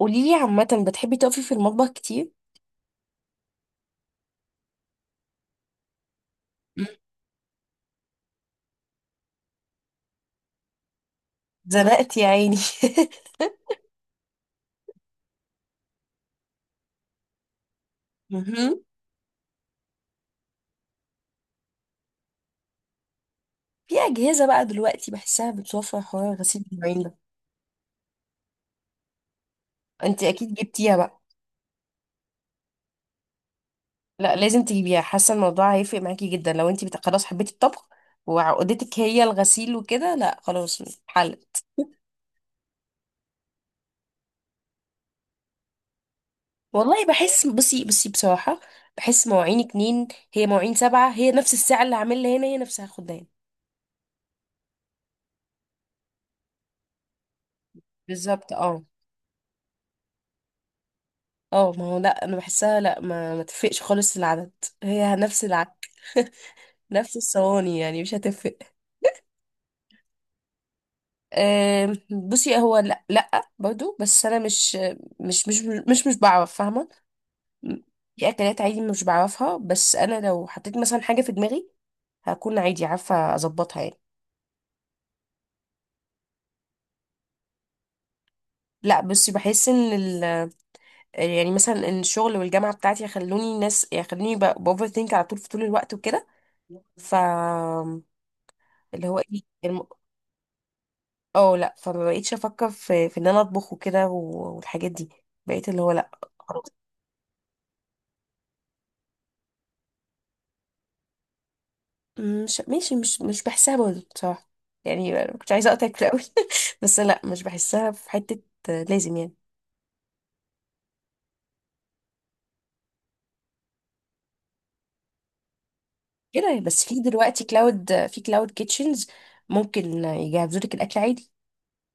قوليلي عامة بتحبي تقفي في المطبخ كتير؟ مم. زنقت يا عيني. مهم. في أجهزة بقى دلوقتي بحسها بتوفر حوار غسيل الجرايين ده. انت أكيد جبتيها بقى. لا لازم تجيبيها، حاسة الموضوع هيفرق معاكي جدا. لو انت خلاص حبيتي الطبخ وعقدتك هي الغسيل وكده، لا خلاص حل. والله بحس، بصي، بصراحة بحس مواعين اتنين، هي مواعين سبعة، هي نفس الساعة اللي عاملها هنا هي نفسها خدها هنا. بالظبط اه. اه ما هو لا انا بحسها، لا ما تفرقش خالص العدد، هي نفس العك. نفس الصواني يعني مش هتفرق. آم، بصي هو لا لا برضو، بس انا مش مش مش بعرف فاهمه، في اكلات عادي مش بعرفها، بس انا لو حطيت مثلا حاجه في دماغي هكون عادي عارفه اظبطها يعني. لا بصي بحس ان يعني مثلا ان الشغل والجامعه بتاعتي يخلوني ناس، يخلوني باوفر ثينك على طول، في طول الوقت وكده، ف اللي هو ايه. اه لا، فما بقيتش افكر في ان انا اطبخ وكده والحاجات دي، بقيت اللي هو لا خلاص مش ماشي، مش بحسها برضه بصراحه. يعني أنا كنت عايزه اقطعك في الاول. بس لا مش بحسها في حته. آه، لازم يعني كده، بس في دلوقتي في كلاود كيتشنز ممكن يجهزوا لك الاكل عادي،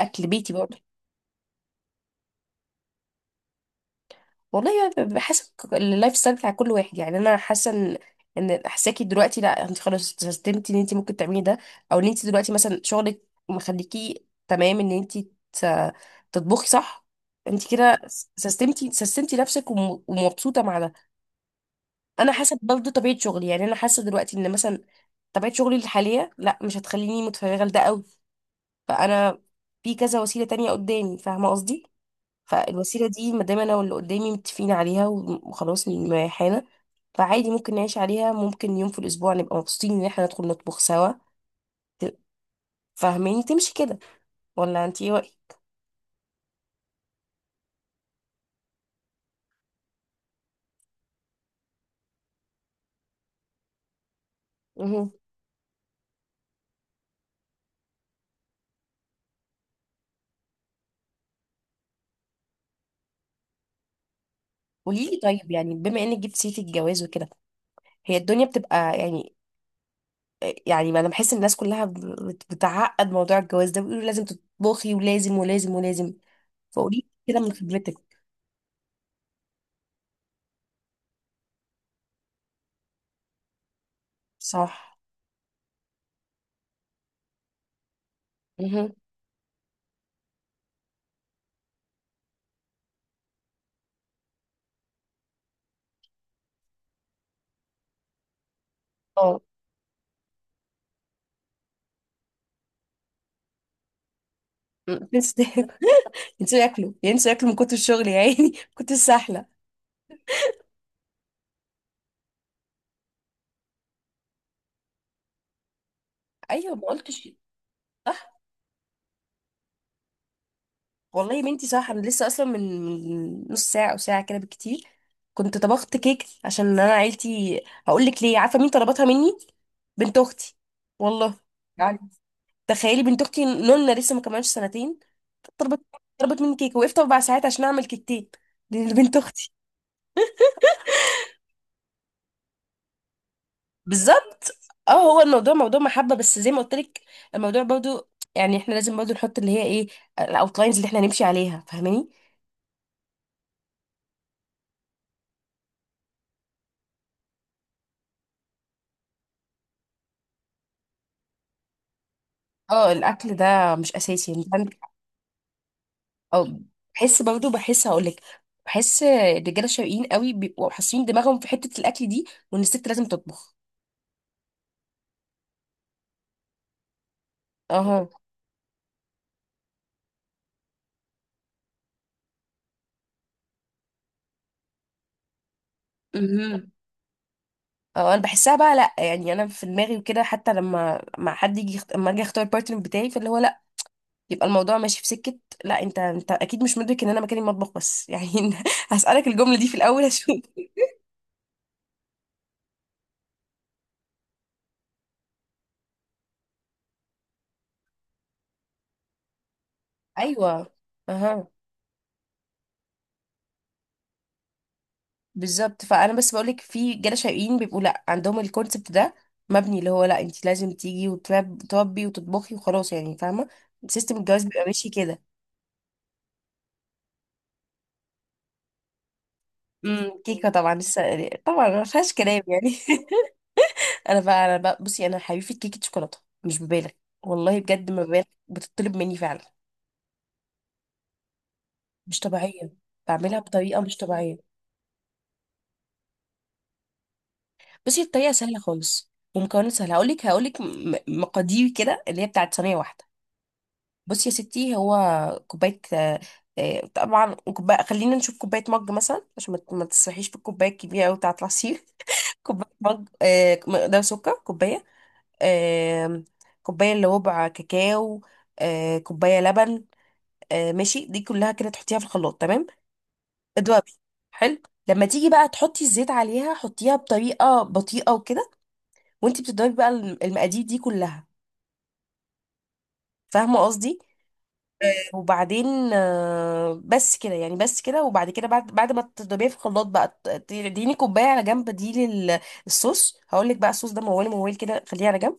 اكل بيتي برضه. والله بحسب اللايف ستايل بتاع كل واحد يعني. انا حاسه ان حساكي دلوقتي لا، انت خلاص استسلمتي ان انت ممكن تعملي ده، او ان انت دلوقتي مثلا شغلك مخليكي تمام ان انت ت- تطبخي صح، انت كده سستمتي نفسك ومبسوطه مع ده. انا حاسه برضه طبيعه شغلي، يعني انا حاسه دلوقتي ان مثلا طبيعه شغلي الحاليه لا مش هتخليني متفرغه لده قوي، فانا في كذا وسيله تانية قدامي فاهمه قصدي، فالوسيلة دي ما دام انا واللي قدامي متفقين عليها وخلاص مريحانا، فعادي ممكن نعيش عليها. ممكن يوم في الاسبوع نبقى مبسوطين ان احنا ندخل نطبخ سوا. ت- فاهماني تمشي كده، ولا انت ايه رأيك؟ مهم. قولي لي طيب، يعني بما انك جبت سيرة الجواز وكده، هي الدنيا بتبقى يعني؟ يعني ما انا بحس ان الناس كلها بتعقد موضوع الجواز ده، بيقولوا لازم تطبخي، ولازم ولازم ولازم، فقولي لي كده من خبرتك. صح. مهم. اه، بس ينسوا ياكلوا من كتر الشغل، يا عيني كنت السحلة. ايوه ما قلتش. صح. والله يا بنتي صح، انا لسه اصلا من نص ساعه او ساعه كده بالكتير كنت طبخت كيك، عشان انا عيلتي هقول لك ليه، عارفه مين طلبتها مني؟ بنت اختي. والله. يعني تخيلي بنت اختي نونا لسه ما كملش سنتين طلبت طلبت مني كيك، وقفت اربع ساعات عشان اعمل كيكتين لبنت اختي. بالظبط اه، هو الموضوع موضوع محبه، بس زي ما قلت لك الموضوع برضو يعني احنا لازم برضو نحط اللي هي ايه الاوتلاينز اللي احنا هنمشي عليها فاهماني. اه الاكل ده مش اساسي انت عندك. اه بحس برضه، بحس هقولك، بحس الرجاله الشرقيين قوي بيبقوا حاسين دماغهم في حته الاكل دي، وان الست لازم تطبخ. اها. امم. اه انا بحسها بقى لا، يعني انا في دماغي وكده، حتى لما مع حد يجي لما اجي اختار البارتنر بتاعي فاللي هو لا، يبقى الموضوع ماشي في سكه، لا انت اكيد مش مدرك ان انا مكاني المطبخ بس يعني. هسالك الجمله دي في الاول اشوف. ايوه. اها. بالظبط، فانا بس بقولك في رجاله شقيين بيبقوا لا عندهم الكونسبت ده مبني، اللي هو لا انت لازم تيجي وتربي وتطبخي وخلاص يعني فاهمه، سيستم الجواز بيبقى ماشي كده. كيكه طبعا لسه طبعا ما فيهاش كلام يعني. انا بقى بصي، انا حبيبتي كيكه شوكولاته. مش ببالغ والله، بجد ما ببالغ، بتطلب مني فعلا مش طبيعيه، بعملها بطريقه مش طبيعيه. بصي الطريقه سهله خالص، ومكونات سهله. هقولك مقادير كده اللي هي بتاعت صينيه واحده. بصي يا ستي، هو كوباية آه، طبعا كوباية، خلينا نشوف كوباية مج مثلا، عشان ما تسرحيش في الكوباية الكبيرة أوي بتاعة العصير. كوباية مج، مقدار سكر كوباية. آم، كوباية إلا ربع كاكاو، كوباية لبن. ماشي، دي كلها كده تحطيها في الخلاط تمام، اضربي. حلو. لما تيجي بقى تحطي الزيت عليها، حطيها بطريقة بطيئة وكده، وانتي بتضربي بقى المقادير دي كلها، فاهمة قصدي؟ وبعدين بس كده يعني، بس كده. وبعد كده، بعد ما تضربيها في الخلاط بقى اديني كوبايه على جنب دي للصوص. هقول لك بقى الصوص ده، موال موال كده خليه على جنب،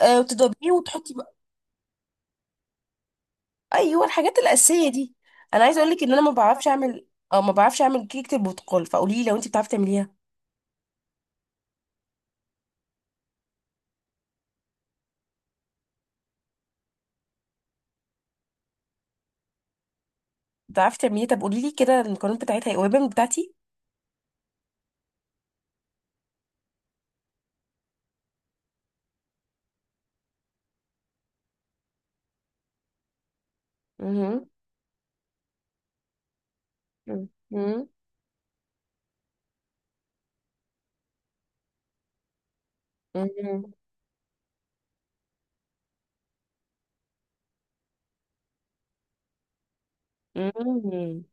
وتضربيه وتحطي بقى. ايوه الحاجات الاساسيه دي. انا عايزه اقول لك ان انا ما بعرفش اعمل، او ما بعرفش اعمل كيكه البرتقال، فقولي لي لو انت بتعرفي تعمليها. بتعرفي تعمليها؟ طب قولي لي كده، المكونات بتاعتها ايه، قريبه من بتاعتي؟ مهم. مهم. مهم. مهم.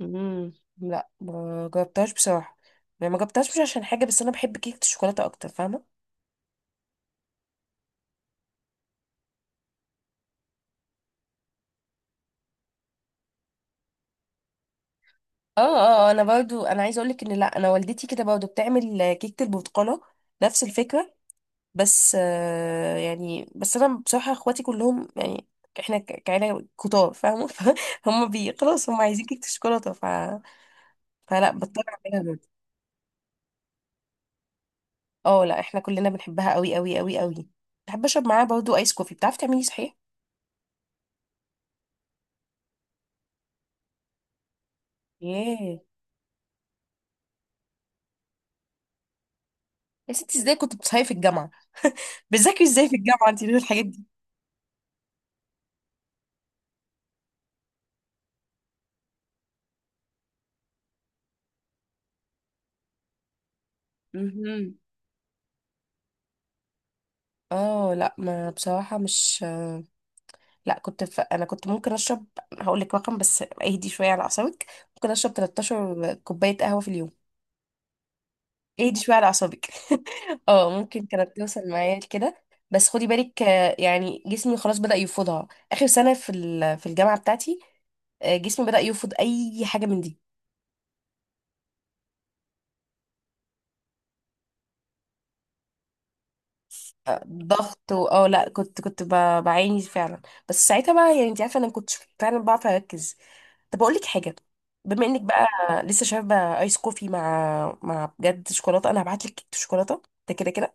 لا ما جربتهاش بصراحه، يعني ما جربتهاش مش عشان حاجه، بس انا بحب كيكه الشوكولاته اكتر فاهمه. انا برضو، انا عايزه اقولك ان لا، انا والدتي كده برضو بتعمل كيكه البرتقاله، نفس الفكره. بس يعني بس انا بصراحه اخواتي كلهم يعني احنا كعيله كتار فاهمه فهم بي خلاص هم عايزين كيكه الشوكولاته فلا بضطر اعملها برضو. اه لا احنا كلنا بنحبها قوي قوي قوي قوي. بحب اشرب معاها برضو ايس كوفي، بتعرفي تعملي صحيح؟ ياه. يا ستي ازاي كنت بتصحي في الجامعه، بتذاكري ازاي في الجامعة انتي دول الحاجات دي؟ مهم. اه لا ما بصراحة مش، لا كنت انا كنت ممكن اشرب. هقول لك رقم بس اهدي شوية على اعصابك. ممكن اشرب 13 كوباية قهوة في اليوم. اهدي شوية على اعصابك. اه ممكن كانت توصل معايا كده. بس خدي بالك، يعني جسمي خلاص بدأ يفوضها اخر سنة في الجامعة بتاعتي. جسمي بدأ يفوض اي حاجة من دي. ضغط اه لا كنت بعاني فعلا. بس ساعتها بقى يعني انت عارفة انا ما كنتش فعلا بعرف اركز. طب اقول لك حاجه، بما انك بقى لسه شاربه ايس كوفي مع بجد شوكولاته، انا هبعت لك كيكه شوكولاته، ده كده كده.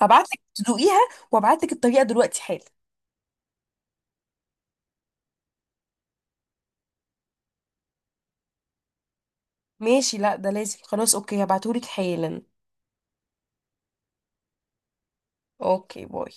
هبعت لك تدوقيها، وابعت لك الطريقه دلوقتي حالا. ماشي لا ده لازم، خلاص اوكي هبعتهولك حالا. اوكي باي.